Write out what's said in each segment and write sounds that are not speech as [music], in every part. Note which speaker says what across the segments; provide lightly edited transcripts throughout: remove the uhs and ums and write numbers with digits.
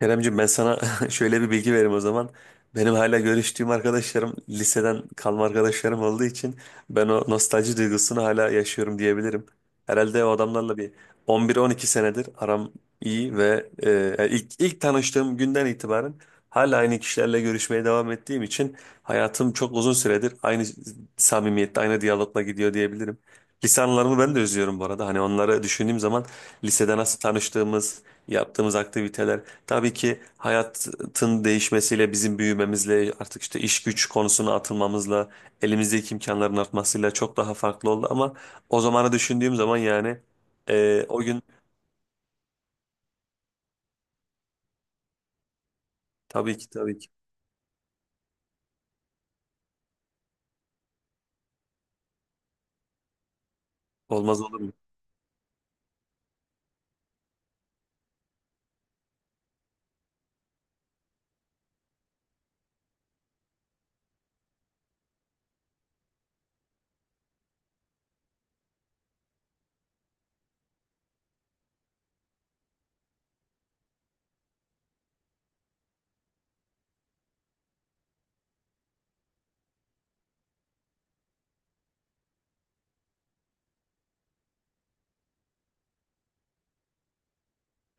Speaker 1: Keremciğim ben sana [laughs] şöyle bir bilgi vereyim o zaman. Benim hala görüştüğüm arkadaşlarım liseden kalma arkadaşlarım olduğu için ben o nostalji duygusunu hala yaşıyorum diyebilirim. Herhalde o adamlarla bir 11-12 senedir aram iyi ve ilk tanıştığım günden itibaren hala aynı kişilerle görüşmeye devam ettiğim için hayatım çok uzun süredir aynı samimiyette, aynı diyalogla gidiyor diyebilirim. Lise anılarımı ben de özlüyorum bu arada. Hani onları düşündüğüm zaman lisede nasıl tanıştığımız, yaptığımız aktiviteler. Tabii ki hayatın değişmesiyle, bizim büyümemizle, artık işte iş güç konusuna atılmamızla, elimizdeki imkanların artmasıyla çok daha farklı oldu ama o zamanı düşündüğüm zaman yani, o gün, tabii ki tabii ki, olmaz olur mu?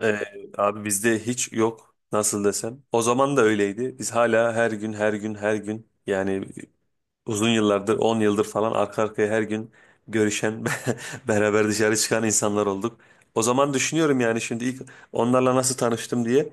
Speaker 1: E, abi bizde hiç yok, nasıl desem. O zaman da öyleydi. Biz hala her gün her gün her gün, yani uzun yıllardır 10 yıldır falan arka arkaya her gün görüşen, [laughs] beraber dışarı çıkan insanlar olduk. O zaman düşünüyorum yani, şimdi ilk onlarla nasıl tanıştım diye.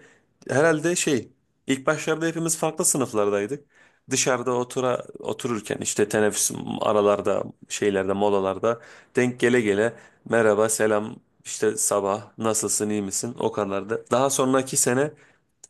Speaker 1: Herhalde şey, ilk başlarda hepimiz farklı sınıflardaydık. Dışarıda otura otururken, işte teneffüs aralarda, şeylerde, molalarda denk gele gele merhaba, selam, işte sabah nasılsın, iyi misin, o kadar da. Daha sonraki sene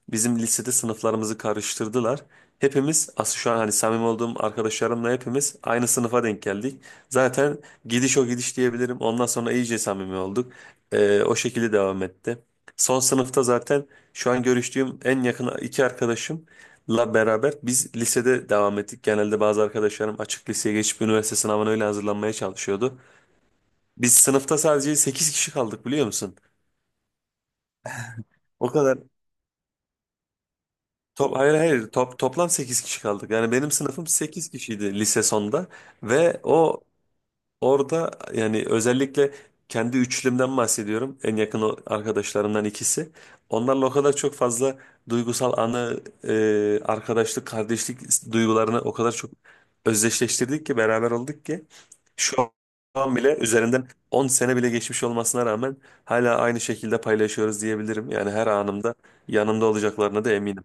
Speaker 1: bizim lisede sınıflarımızı karıştırdılar. Hepimiz aslında, şu an hani samimi olduğum arkadaşlarımla hepimiz aynı sınıfa denk geldik. Zaten gidiş o gidiş diyebilirim. Ondan sonra iyice samimi olduk. O şekilde devam etti. Son sınıfta zaten şu an görüştüğüm en yakın iki arkadaşımla beraber biz lisede devam ettik. Genelde bazı arkadaşlarım açık liseye geçip üniversite sınavına öyle hazırlanmaya çalışıyordu. Biz sınıfta sadece 8 kişi kaldık biliyor musun? O kadar. Hayır, hayır, toplam 8 kişi kaldık. Yani benim sınıfım 8 kişiydi lise sonda, ve o orada yani özellikle kendi üçlümden bahsediyorum. En yakın o arkadaşlarımdan ikisi. Onlarla o kadar çok fazla duygusal anı, arkadaşlık, kardeşlik duygularını o kadar çok özdeşleştirdik ki, beraber olduk ki şu an bile üzerinden 10 sene bile geçmiş olmasına rağmen hala aynı şekilde paylaşıyoruz diyebilirim. Yani her anımda yanımda olacaklarına da eminim.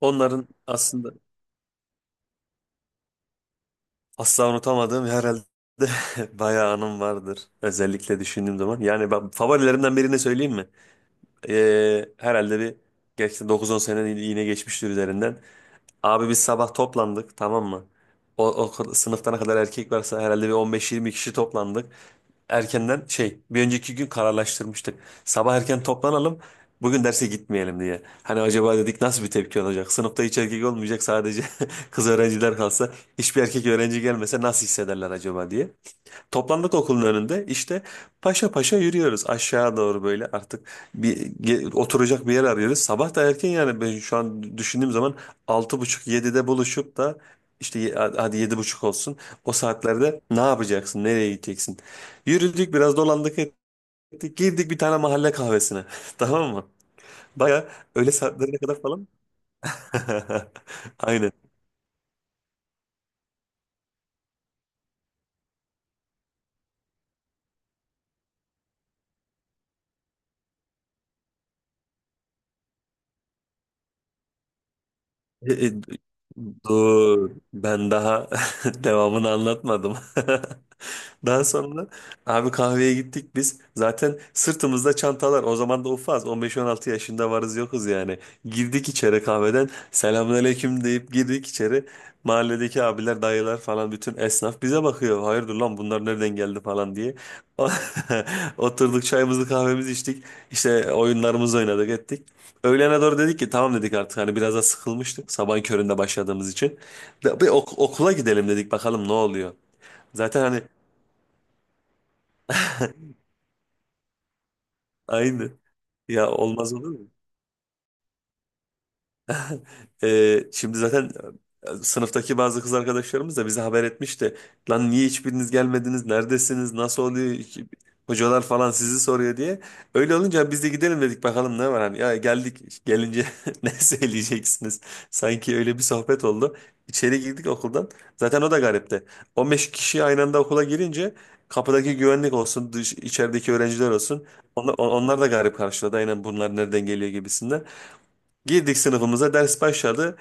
Speaker 1: Onların aslında asla unutamadığım herhalde [laughs] bayağı anım vardır. Özellikle düşündüğüm zaman. Yani ben favorilerimden birini söyleyeyim mi? Herhalde bir geçti, 9-10 sene yine geçmiştir üzerinden. Abi biz sabah toplandık, tamam mı? O, o sınıftan ne kadar erkek varsa herhalde bir 15-20 kişi toplandık. Erkenden şey, bir önceki gün kararlaştırmıştık. Sabah erken toplanalım, bugün derse gitmeyelim diye. Hani acaba dedik nasıl bir tepki olacak? Sınıfta hiç erkek olmayacak, sadece [laughs] kız öğrenciler kalsa. Hiçbir erkek öğrenci gelmese nasıl hissederler acaba diye. Toplandık okulun önünde, işte paşa paşa yürüyoruz aşağı doğru, böyle artık oturacak bir yer arıyoruz. Sabah da erken yani, ben şu an düşündüğüm zaman altı buçuk yedide buluşup da işte hadi yedi buçuk olsun, o saatlerde ne yapacaksın, nereye gideceksin? Yürüdük, biraz dolandık ettik, girdik bir tane mahalle kahvesine [laughs] tamam mı? Baya öğle saatlerine kadar falan. [laughs] Aynen. E, e, Dur, ben daha [laughs] devamını anlatmadım. [laughs] Daha sonra abi kahveye gittik biz. Zaten sırtımızda çantalar. O zaman da ufaz. 15-16 yaşında varız yokuz yani. Girdik içeri kahveden. Selamünaleyküm deyip girdik içeri. Mahalledeki abiler, dayılar falan, bütün esnaf bize bakıyor. Hayırdır lan, bunlar nereden geldi falan diye. [laughs] Oturduk, çayımızı kahvemizi içtik. İşte oyunlarımızı oynadık ettik. Öğlene doğru dedik ki tamam, dedik artık, hani biraz da sıkılmıştık sabahın köründe başladığımız için. Bir okula gidelim dedik, bakalım ne oluyor. Zaten hani aynı, ya olmaz olur mu? Şimdi zaten sınıftaki bazı kız arkadaşlarımız da bize haber etmişti. Lan niye hiçbiriniz gelmediniz? Neredesiniz? Nasıl oluyor? Hocalar falan sizi soruyor diye. Öyle olunca biz de gidelim dedik, bakalım ne var hani. Ya geldik, gelince [laughs] ne söyleyeceksiniz? Sanki öyle bir sohbet oldu. İçeri girdik okuldan. Zaten o da garipti. 15 kişi aynı anda okula girince kapıdaki güvenlik olsun, içerideki öğrenciler olsun. Onlar da garip karşıladı. Aynen bunlar nereden geliyor gibisinden. Girdik sınıfımıza, ders başladı.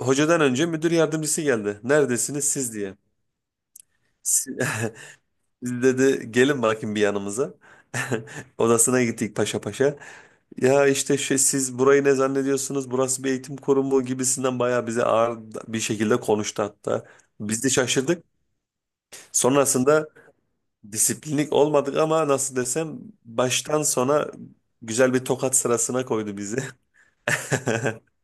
Speaker 1: Hocadan önce müdür yardımcısı geldi. Neredesiniz siz diye. Si- Biz [laughs] dedi, gelin bakayım bir yanımıza. [laughs] Odasına gittik paşa paşa. Ya işte şey, siz burayı ne zannediyorsunuz? Burası bir eğitim kurumu gibisinden, bayağı bize ağır bir şekilde konuştu hatta. Biz de şaşırdık. Sonrasında disiplinlik olmadık ama nasıl desem, baştan sona güzel bir tokat sırasına koydu bizi. [laughs]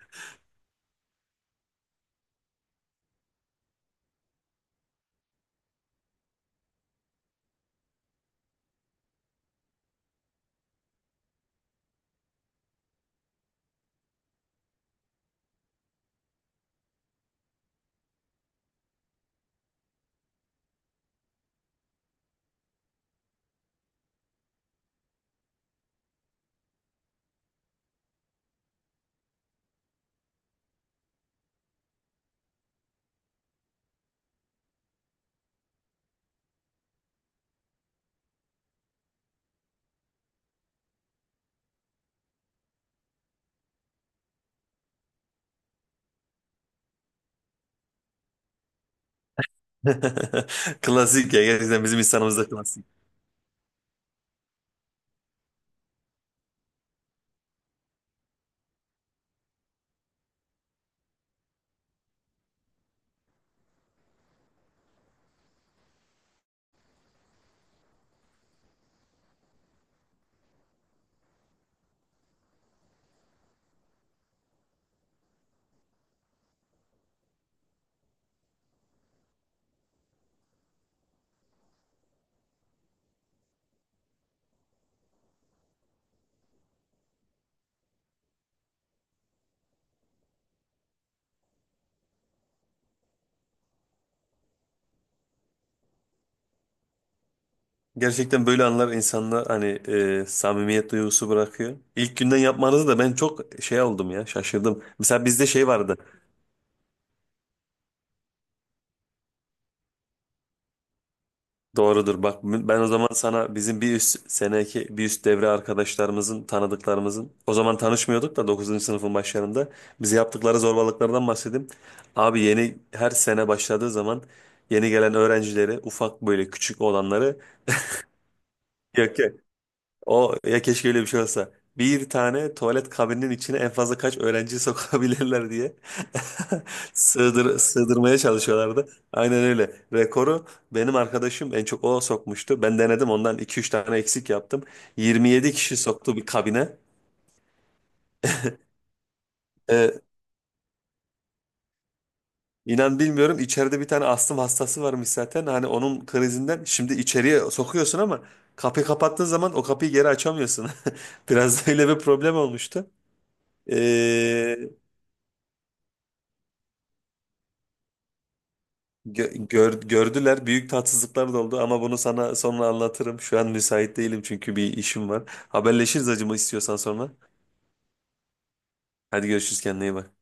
Speaker 1: Klasik ya, gerçekten bizim insanımızda. Gerçekten böyle anlar insanlar hani samimiyet duygusu bırakıyor. İlk günden yapmanızı da ben çok şey oldum ya, şaşırdım. Mesela bizde şey vardı. Doğrudur bak, ben o zaman sana bizim bir üst seneki, bir üst devre arkadaşlarımızın, tanıdıklarımızın, o zaman tanışmıyorduk da 9. sınıfın başlarında bize yaptıkları zorbalıklardan bahsedeyim. Abi yeni her sene başladığı zaman yeni gelen öğrencileri, ufak böyle küçük olanları yak- o ya keşke öyle bir şey olsa. Bir tane tuvalet kabininin içine en fazla kaç öğrenci sokabilirler diye [laughs] sığdırmaya çalışıyorlardı. Aynen öyle. Rekoru benim arkadaşım en çok o sokmuştu. Ben denedim ondan iki üç tane eksik yaptım. 27 kişi soktu bir kabine. Ee, inan bilmiyorum, içeride bir tane astım hastası varmış zaten. Hani onun krizinden, şimdi içeriye sokuyorsun ama kapıyı kapattığın zaman o kapıyı geri açamıyorsun. [laughs] Biraz da öyle bir problem olmuştu. E, Gö- gör- gördüler, büyük tatsızlıklar da oldu ama bunu sana sonra anlatırım. Şu an müsait değilim çünkü bir işim var. Haberleşiriz acımı istiyorsan sonra. Hadi görüşürüz, kendine iyi bak.